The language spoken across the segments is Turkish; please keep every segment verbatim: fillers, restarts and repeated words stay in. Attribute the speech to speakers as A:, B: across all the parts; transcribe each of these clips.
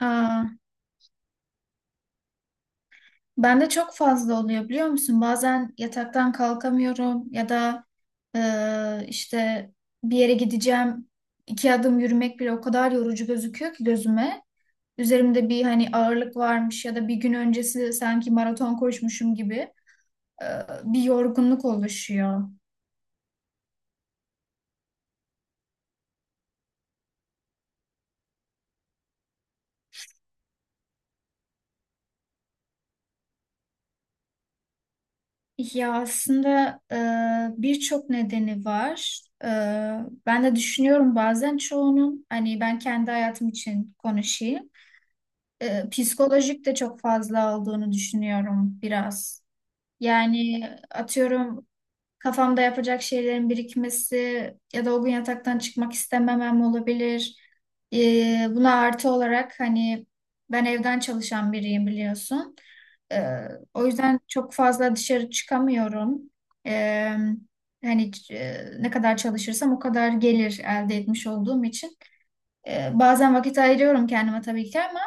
A: Aa, bende çok fazla oluyor biliyor musun? Bazen yataktan kalkamıyorum ya da e, işte bir yere gideceğim. İki adım yürümek bile o kadar yorucu gözüküyor ki gözüme. Üzerimde bir hani ağırlık varmış ya da bir gün öncesi sanki maraton koşmuşum gibi e, bir yorgunluk oluşuyor. Ya aslında e, birçok nedeni var. E, ben de düşünüyorum bazen çoğunun hani, ben kendi hayatım için konuşayım. E, psikolojik de çok fazla olduğunu düşünüyorum biraz. Yani atıyorum, kafamda yapacak şeylerin birikmesi ya da o gün yataktan çıkmak istememem olabilir. E, Buna artı olarak hani, ben evden çalışan biriyim biliyorsun. E, O yüzden çok fazla dışarı çıkamıyorum. E, Hani e, ne kadar çalışırsam o kadar gelir elde etmiş olduğum için. Ee, bazen vakit ayırıyorum kendime tabii ki, ama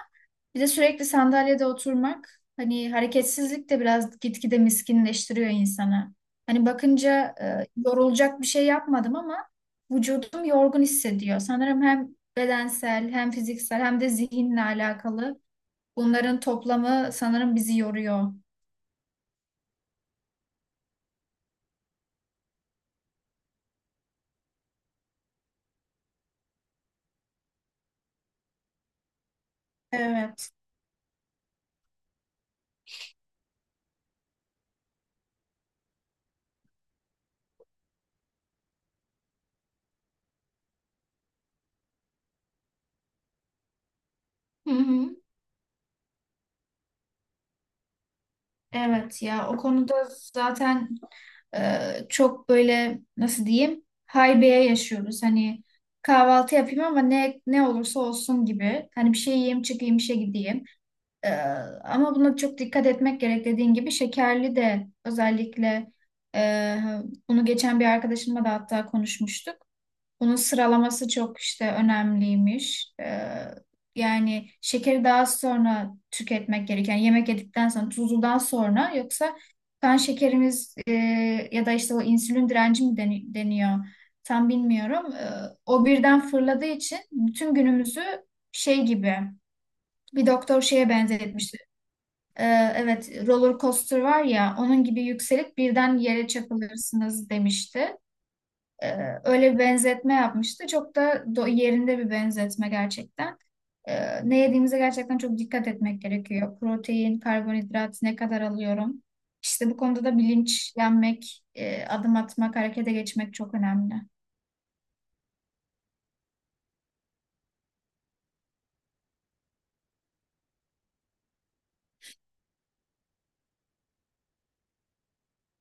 A: bir de sürekli sandalyede oturmak, hani hareketsizlik de biraz gitgide miskinleştiriyor insanı. Hani bakınca e, yorulacak bir şey yapmadım ama vücudum yorgun hissediyor. Sanırım hem bedensel, hem fiziksel, hem de zihinle alakalı. Bunların toplamı sanırım bizi yoruyor. Evet. Hı hı. Evet ya, o konuda zaten Ee, çok böyle nasıl diyeyim, haybeye yaşıyoruz. Hani kahvaltı yapayım ama ne ne olursa olsun gibi. Hani bir şey yiyeyim, çıkayım işe gideyim. Ee, Ama buna çok dikkat etmek gerek dediğin gibi, şekerli de özellikle. e, Bunu geçen bir arkadaşımla da hatta konuşmuştuk. Bunun sıralaması çok işte önemliymiş. Ee, yani şekeri daha sonra tüketmek gereken, yemek yedikten sonra, tuzludan sonra. Yoksa kan şekerimiz, e, ya da işte o insülin direnci mi deni- deniyor, tam bilmiyorum. Ee, o birden fırladığı için bütün günümüzü şey gibi, bir doktor şeye benzetmişti. Ee, evet, roller coaster var ya, onun gibi yükselip birden yere çakılırsınız demişti. Ee, öyle bir benzetme yapmıştı. Çok da do- yerinde bir benzetme gerçekten. Ee, ne yediğimize gerçekten çok dikkat etmek gerekiyor. Protein, karbonhidrat ne kadar alıyorum? İşte bu konuda da bilinçlenmek, e, adım atmak, harekete geçmek çok önemli.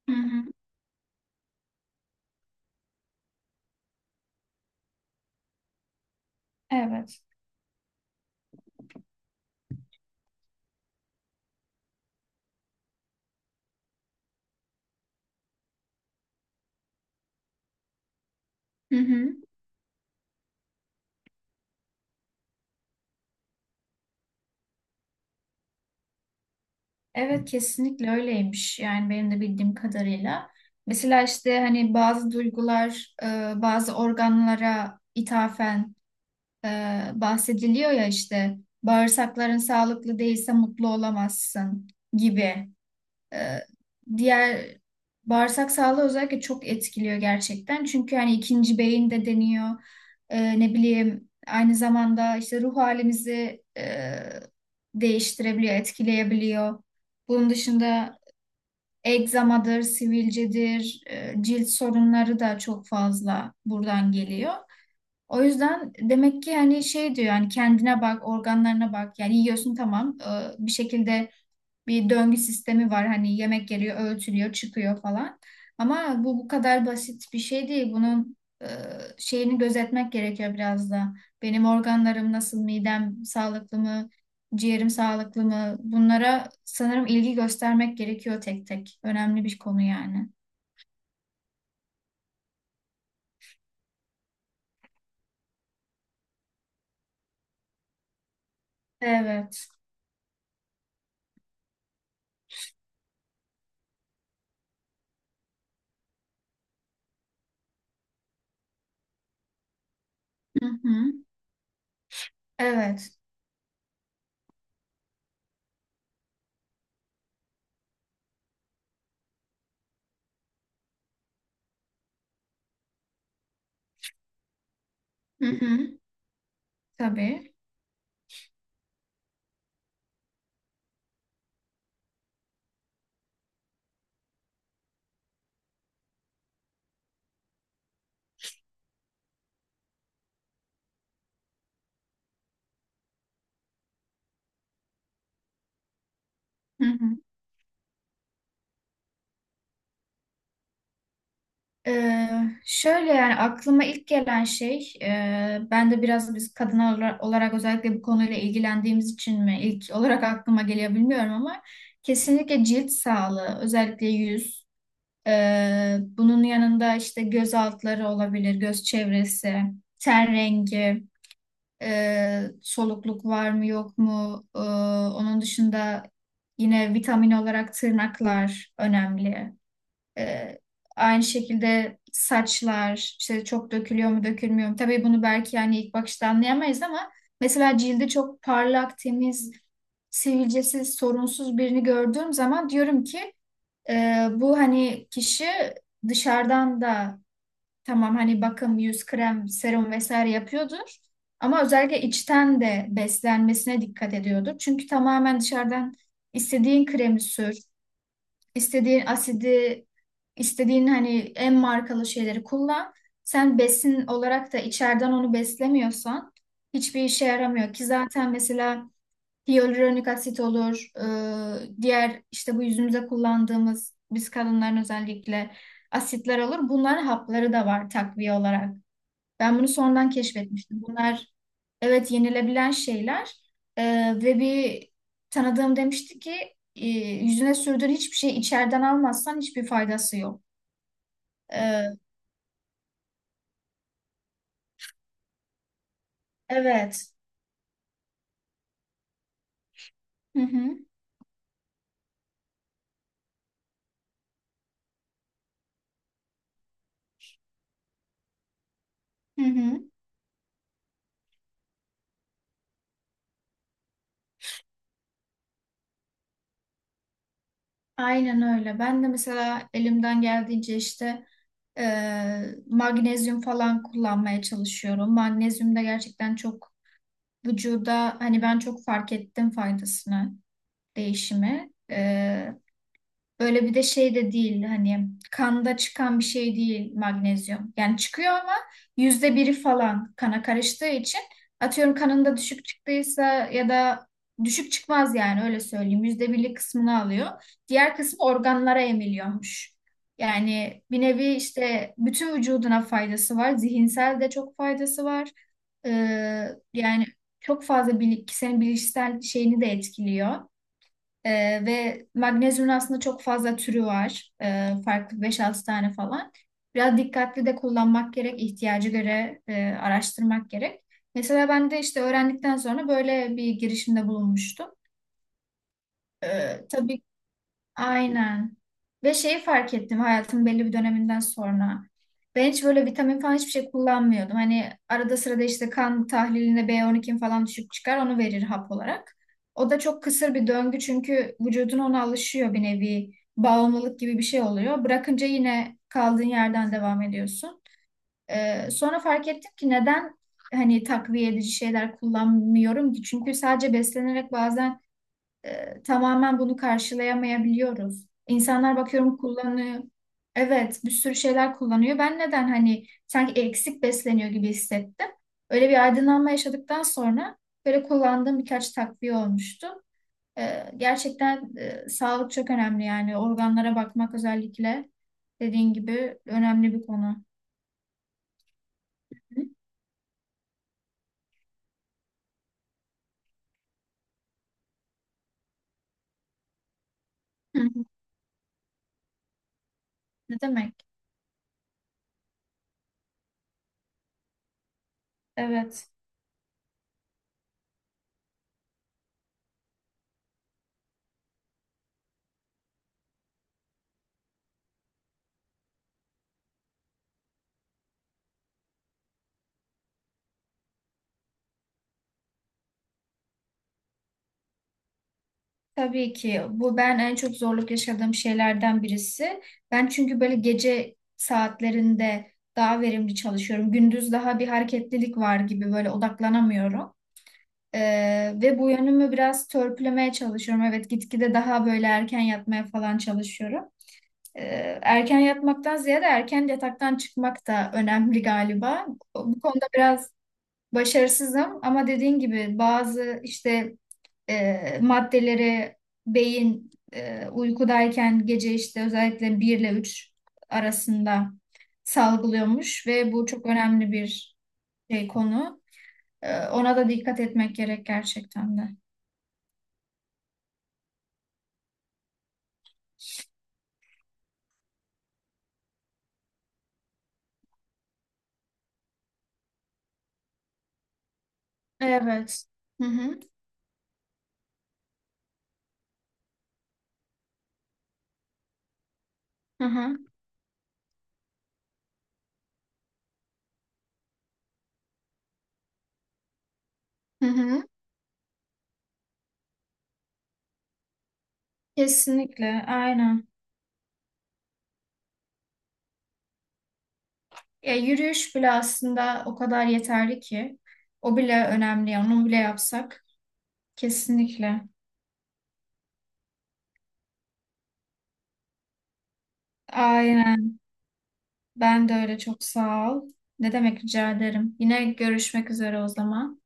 A: Hı hı, evet. Hı hı. Evet kesinlikle öyleymiş. Yani benim de bildiğim kadarıyla. Mesela işte hani bazı duygular, e, bazı organlara ithafen e, bahsediliyor ya, işte bağırsakların sağlıklı değilse mutlu olamazsın gibi. E, Diğer, bağırsak sağlığı özellikle çok etkiliyor gerçekten. Çünkü hani ikinci beyin de deniyor. E, ne bileyim, aynı zamanda işte ruh halimizi e, değiştirebiliyor, etkileyebiliyor. Bunun dışında egzamadır, sivilcedir, e, cilt sorunları da çok fazla buradan geliyor. O yüzden demek ki hani şey diyor, yani kendine bak, organlarına bak. Yani yiyorsun tamam. e, Bir şekilde bir döngü sistemi var. Hani yemek geliyor, ölçülüyor, çıkıyor falan. Ama bu bu kadar basit bir şey değil. Bunun e, şeyini gözetmek gerekiyor biraz da. Benim organlarım nasıl, midem sağlıklı mı, ciğerim sağlıklı mı? Bunlara sanırım ilgi göstermek gerekiyor tek tek. Önemli bir konu yani. Evet. Hı hı. Evet. Hı hı. Tabii. Hı hı. Ee, Şöyle, yani aklıma ilk gelen şey, e, ben de biraz, biz kadın ola- olarak özellikle bu konuyla ilgilendiğimiz için mi ilk olarak aklıma geliyor bilmiyorum, ama kesinlikle cilt sağlığı, özellikle yüz. Ee, bunun yanında işte göz altları olabilir, göz çevresi, ten rengi, e, solukluk var mı yok mu. Ee, onun dışında yine vitamin olarak tırnaklar önemli. Ee, Aynı şekilde saçlar, işte çok dökülüyor mu dökülmüyor mu? Tabii bunu belki yani ilk bakışta anlayamayız, ama mesela cildi çok parlak, temiz, sivilcesiz, sorunsuz birini gördüğüm zaman diyorum ki, e, bu hani kişi dışarıdan da tamam hani bakım, yüz krem, serum vesaire yapıyordur. Ama özellikle içten de beslenmesine dikkat ediyordur. Çünkü tamamen dışarıdan istediğin kremi sür, İstediğin asidi, istediğin hani en markalı şeyleri kullan. Sen besin olarak da içeriden onu beslemiyorsan hiçbir işe yaramıyor ki zaten. Mesela hyaluronik asit olur, e, diğer işte bu yüzümüze kullandığımız, biz kadınların özellikle, asitler olur. Bunların hapları da var takviye olarak. Ben bunu sonradan keşfetmiştim. Bunlar, evet, yenilebilen şeyler. Ee, ve bir tanıdığım demişti ki e, yüzüne sürdüğün hiçbir şey, içeriden almazsan hiçbir faydası yok. Ee, evet. Hı hı, hı hı. Aynen öyle. Ben de mesela elimden geldiğince işte e, magnezyum falan kullanmaya çalışıyorum. Magnezyum da gerçekten çok vücuda, hani ben çok fark ettim faydasını, değişimi. E, Böyle bir de şey de değil, hani kanda çıkan bir şey değil magnezyum. Yani çıkıyor ama yüzde biri falan kana karıştığı için, atıyorum kanında düşük çıktıysa ya da, düşük çıkmaz yani öyle söyleyeyim. Yüzde birlik kısmını alıyor. Diğer kısmı organlara emiliyormuş. Yani bir nevi işte bütün vücuduna faydası var. Zihinsel de çok faydası var. Ee, Yani çok fazla bilik, senin bilişsel şeyini de etkiliyor. Ee, ve magnezyumun aslında çok fazla türü var. Ee, farklı beş altı tane falan. Biraz dikkatli de kullanmak gerek, ihtiyacı göre e, araştırmak gerek. Mesela ben de işte öğrendikten sonra böyle bir girişimde bulunmuştum. Ee, tabii. Aynen. Ve şeyi fark ettim hayatımın belli bir döneminden sonra. Ben hiç böyle vitamin falan hiçbir şey kullanmıyordum. Hani arada sırada işte kan tahliline B on iki falan düşük çıkar, onu verir hap olarak. O da çok kısır bir döngü, çünkü vücudun ona alışıyor, bir nevi bağımlılık gibi bir şey oluyor. Bırakınca yine kaldığın yerden devam ediyorsun. Ee, sonra fark ettim ki neden hani takviye edici şeyler kullanmıyorum ki? Çünkü sadece beslenerek bazen e, tamamen bunu karşılayamayabiliyoruz. İnsanlar bakıyorum kullanıyor. Evet, bir sürü şeyler kullanıyor. Ben neden, hani sanki eksik besleniyor gibi hissettim. Öyle bir aydınlanma yaşadıktan sonra böyle kullandığım birkaç takviye olmuştu. E, gerçekten e, sağlık çok önemli, yani organlara bakmak özellikle dediğin gibi önemli bir konu. Hı hı. Ne demek? Evet. Tabii ki bu ben en çok zorluk yaşadığım şeylerden birisi. Ben çünkü böyle gece saatlerinde daha verimli çalışıyorum. Gündüz daha bir hareketlilik var gibi, böyle odaklanamıyorum. Ee, ve bu yönümü biraz törpülemeye çalışıyorum. Evet, gitgide daha böyle erken yatmaya falan çalışıyorum. Ee, erken yatmaktan ziyade erken yataktan çıkmak da önemli galiba. Bu konuda biraz başarısızım, ama dediğin gibi bazı işte e, maddelere beyin e, uykudayken, gece işte özellikle bir ile üç arasında salgılıyormuş, ve bu çok önemli bir şey, konu. E, ona da dikkat etmek gerek gerçekten de. Evet. Hı hı, hı hı, hı hı. Kesinlikle, aynen. Ya, yürüyüş bile aslında o kadar yeterli ki. O bile önemli, yani onu bile yapsak. Kesinlikle. Aynen. Ben de öyle, çok sağ ol. Ne demek, rica ederim. Yine görüşmek üzere o zaman.